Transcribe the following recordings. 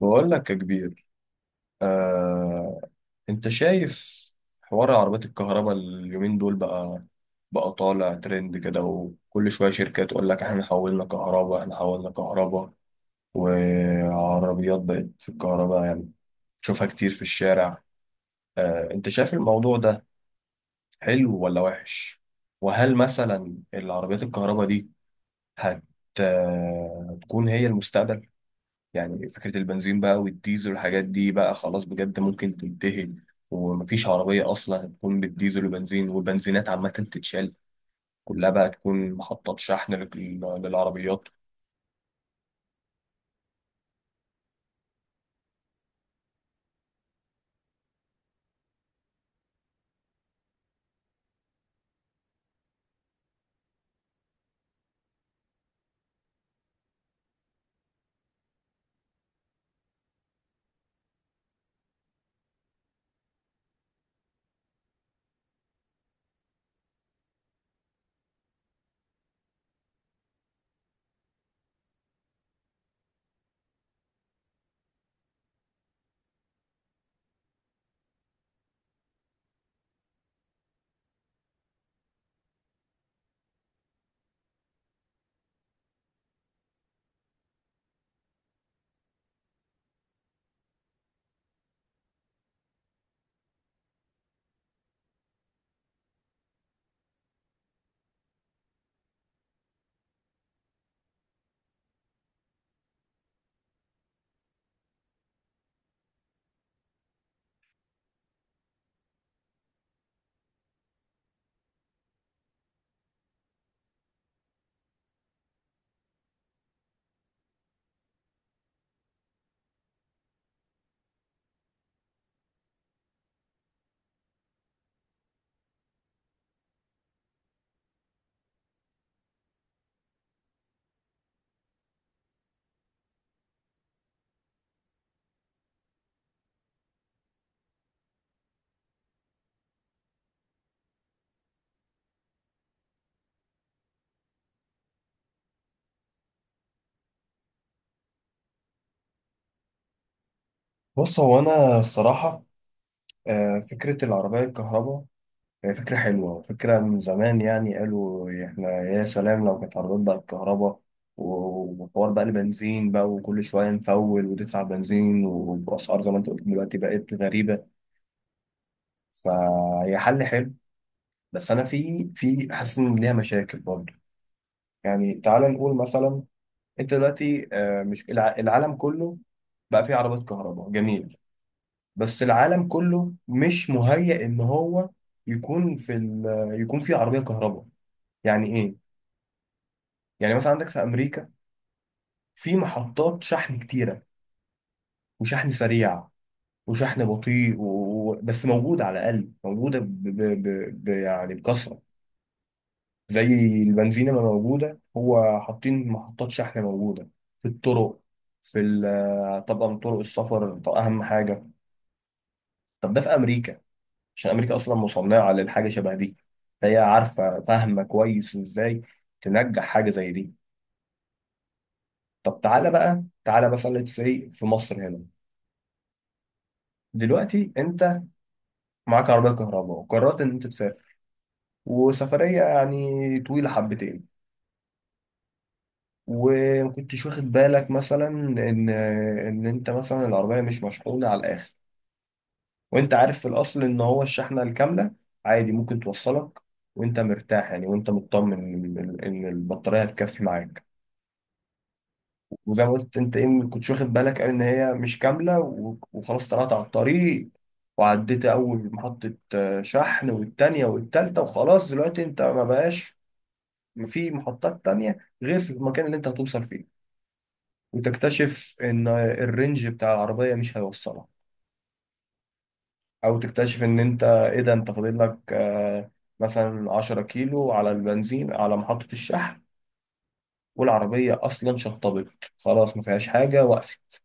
بقول لك يا كبير. آه، انت شايف حوار عربيات الكهرباء اليومين دول بقى طالع ترند كده، وكل شوية شركة تقول لك احنا حولنا كهرباء احنا حولنا كهرباء. وعربيات بقت في الكهرباء، يعني تشوفها كتير في الشارع. انت شايف الموضوع ده حلو ولا وحش؟ وهل مثلا العربيات الكهرباء دي هت آه، تكون هي المستقبل؟ يعني فكرة البنزين بقى والديزل والحاجات دي بقى خلاص بجد ممكن تنتهي، ومفيش عربية أصلا هتكون بالديزل وبنزين، والبنزينات عامة تتشال كلها بقى تكون محطة شحن للعربيات. بص هو أنا الصراحة، فكرة العربية الكهرباء هي فكرة حلوة، فكرة من زمان، يعني قالوا إحنا يا سلام لو كانت عربيات بقى الكهرباء، وحوار بقى البنزين بقى، وكل شوية نفول وتدفع بنزين وبأسعار زي ما أنت قلت دلوقتي بقت غريبة. فهي حل حلو، بس انا في حاسس ان ليها مشاكل برضه. يعني تعال نقول مثلا، انت دلوقتي مش العالم كله بقى فيه عربات كهرباء، جميل، بس العالم كله مش مهيأ ان هو يكون في ال... يكون فيه عربية كهرباء. يعني ايه؟ يعني مثلا عندك في امريكا في محطات شحن كتيرة، وشحن سريع، وشحن بطيء بس موجودة، على الاقل موجودة يعني بكثرة، زي البنزينة ما موجودة، هو حاطين محطات شحن موجودة في الطرق، في طبعا طرق السفر، طب أهم حاجة. طب ده في أمريكا، عشان أمريكا أصلا مصنعة للحاجة شبه دي، فهي عارفة فاهمة كويس إزاي تنجح حاجة زي دي. طب تعالى بقى تعالى مثلا سي في مصر هنا. دلوقتي أنت معاك عربية كهرباء وقررت إن أنت تسافر، وسفرية يعني طويلة حبتين، وما كنتش واخد بالك مثلا ان انت مثلا العربيه مش مشحونه على الاخر، وانت عارف في الاصل ان هو الشحنه الكامله عادي ممكن توصلك، وانت مرتاح يعني، وانت مطمن ان البطاريه هتكفي معاك. وزي ما قلت انت ايه، ما كنتش واخد بالك ان هي مش كامله، وخلاص طلعت على الطريق، وعديت اول محطه شحن والتانيه والتالته، وخلاص دلوقتي انت ما بقاش في محطات تانيه غير في المكان اللي انت هتوصل فيه، وتكتشف ان الرينج بتاع العربية مش هيوصلها، او تكتشف ان انت ايه ده، انت فاضل لك مثلا 10 كيلو على البنزين على محطة الشحن، والعربية اصلا شطبت خلاص، ما فيهاش حاجة، وقفت.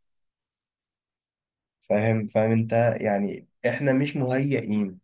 فاهم فاهم انت، يعني احنا مش مهيئين.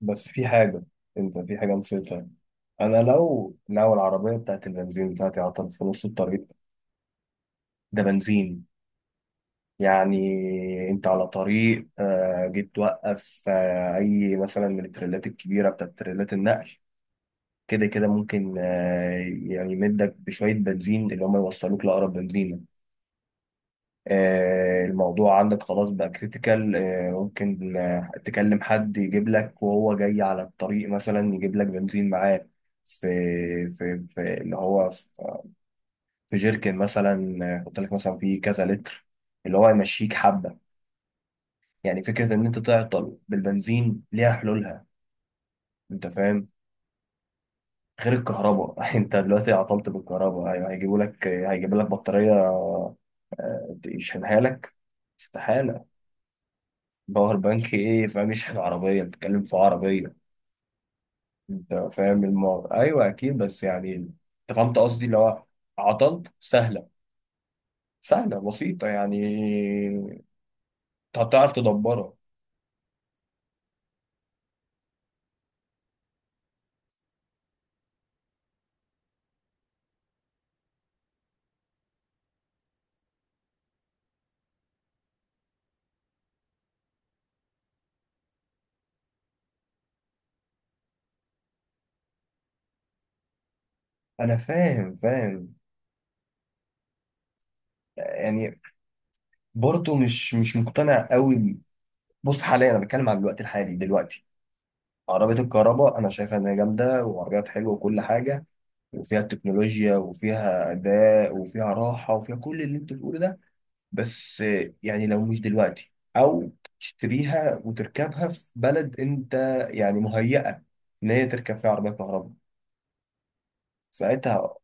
بس في حاجة، انت في حاجة نسيتها. انا لو العربية بتاعت البنزين بتاعتي عطلت في نص الطريق، ده بنزين، يعني انت على طريق، جيت توقف اي مثلا من التريلات الكبيره بتاعت تريلات النقل، كده كده ممكن، يعني يمدك بشويه بنزين، اللي هم يوصلوك لاقرب بنزينه. الموضوع عندك خلاص بقى كريتيكال، ممكن تكلم حد يجيب لك وهو جاي على الطريق مثلا يجيب لك بنزين معاه في في اللي هو في في جيركن مثلا، يحط لك مثلا فيه كذا لتر، اللي هو يمشيك حبه. يعني فكرة إن أنت تعطل بالبنزين ليها حلولها. أنت فاهم؟ غير الكهرباء أنت دلوقتي عطلت بالكهرباء، هيجيبوا لك بطارية يشحنها لك؟ استحالة. باور بانك إيه فاهم؟ يشحن عربية؟ بتتكلم في عربية. أنت فاهم الموضوع، أيوه أكيد، بس يعني أنت فهمت قصدي، اللي هو عطلت سهلة، سهلة بسيطة يعني، هتعرف تدبرها. أنا فاهم فاهم، يعني برضه مش مقتنع قوي. بص حاليا انا بتكلم عن الوقت الحالي دلوقتي، عربية الكهرباء انا شايفها ان هي جامدة، وعربيات حلوة وكل حاجة، وفيها تكنولوجيا، وفيها اداء، وفيها راحة، وفيها كل اللي انت بتقوله ده، بس يعني لو مش دلوقتي، او تشتريها وتركبها في بلد انت يعني مهيئة ان هي تركب فيها عربية كهرباء ساعتها.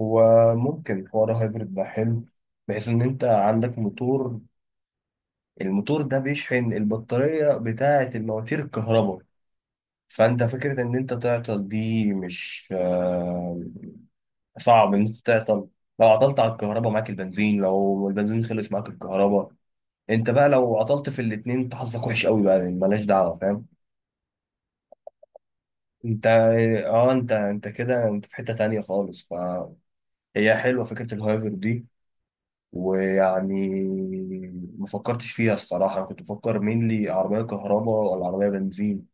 هو ممكن حوار هايبرد ده حلو، بحيث ان انت عندك موتور، الموتور ده بيشحن البطارية بتاعة المواتير الكهرباء، فانت فكره ان انت تعطل دي مش صعب. ان انت تعطل، لو عطلت على الكهرباء معاك البنزين، لو البنزين خلص معاك الكهرباء، انت بقى لو عطلت في الاتنين انت حظك وحش قوي بقى، يعني ملهاش دعوه. فاهم انت، اه، انت كده انت في حته تانية خالص، فهي حلوه فكره الهايبر دي، ويعني ما فكرتش فيها الصراحه، انا كنت بفكر مين عربيه كهرباء ولا عربيه بنزين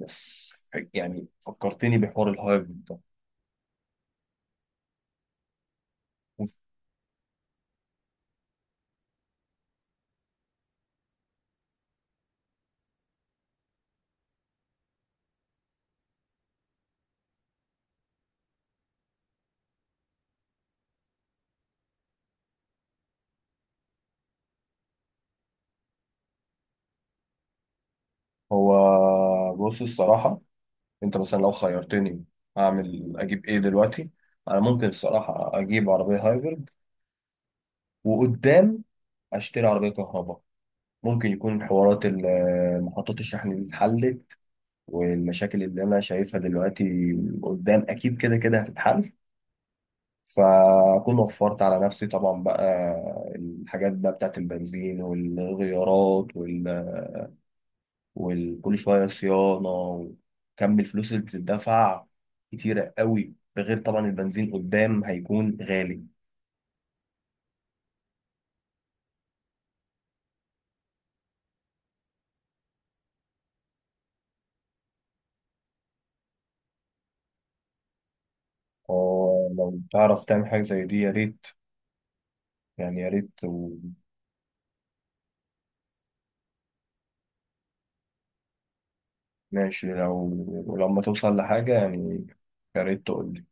بس، يعني فكرتني بحوار الهايبر ده. هو بص الصراحة، انت مثلا لو خيرتني اعمل اجيب ايه دلوقتي، انا ممكن الصراحة اجيب عربية هايبرد، وقدام اشتري عربية كهرباء، ممكن يكون حوارات محطات الشحن دي اتحلت، والمشاكل اللي انا شايفها دلوقتي قدام اكيد كده كده هتتحل، فاكون وفرت على نفسي طبعا بقى الحاجات بقى بتاعت البنزين والغيارات وكل شوية صيانة، وكم الفلوس اللي بتدفع كتيرة قوي، ده غير طبعا البنزين قدام هيكون غالي. فلو تعرف تعمل حاجة زي دي يا ريت، يعني يا ريت. وماشي، لو ولما توصل لحاجة يعني، يا ريت تقول.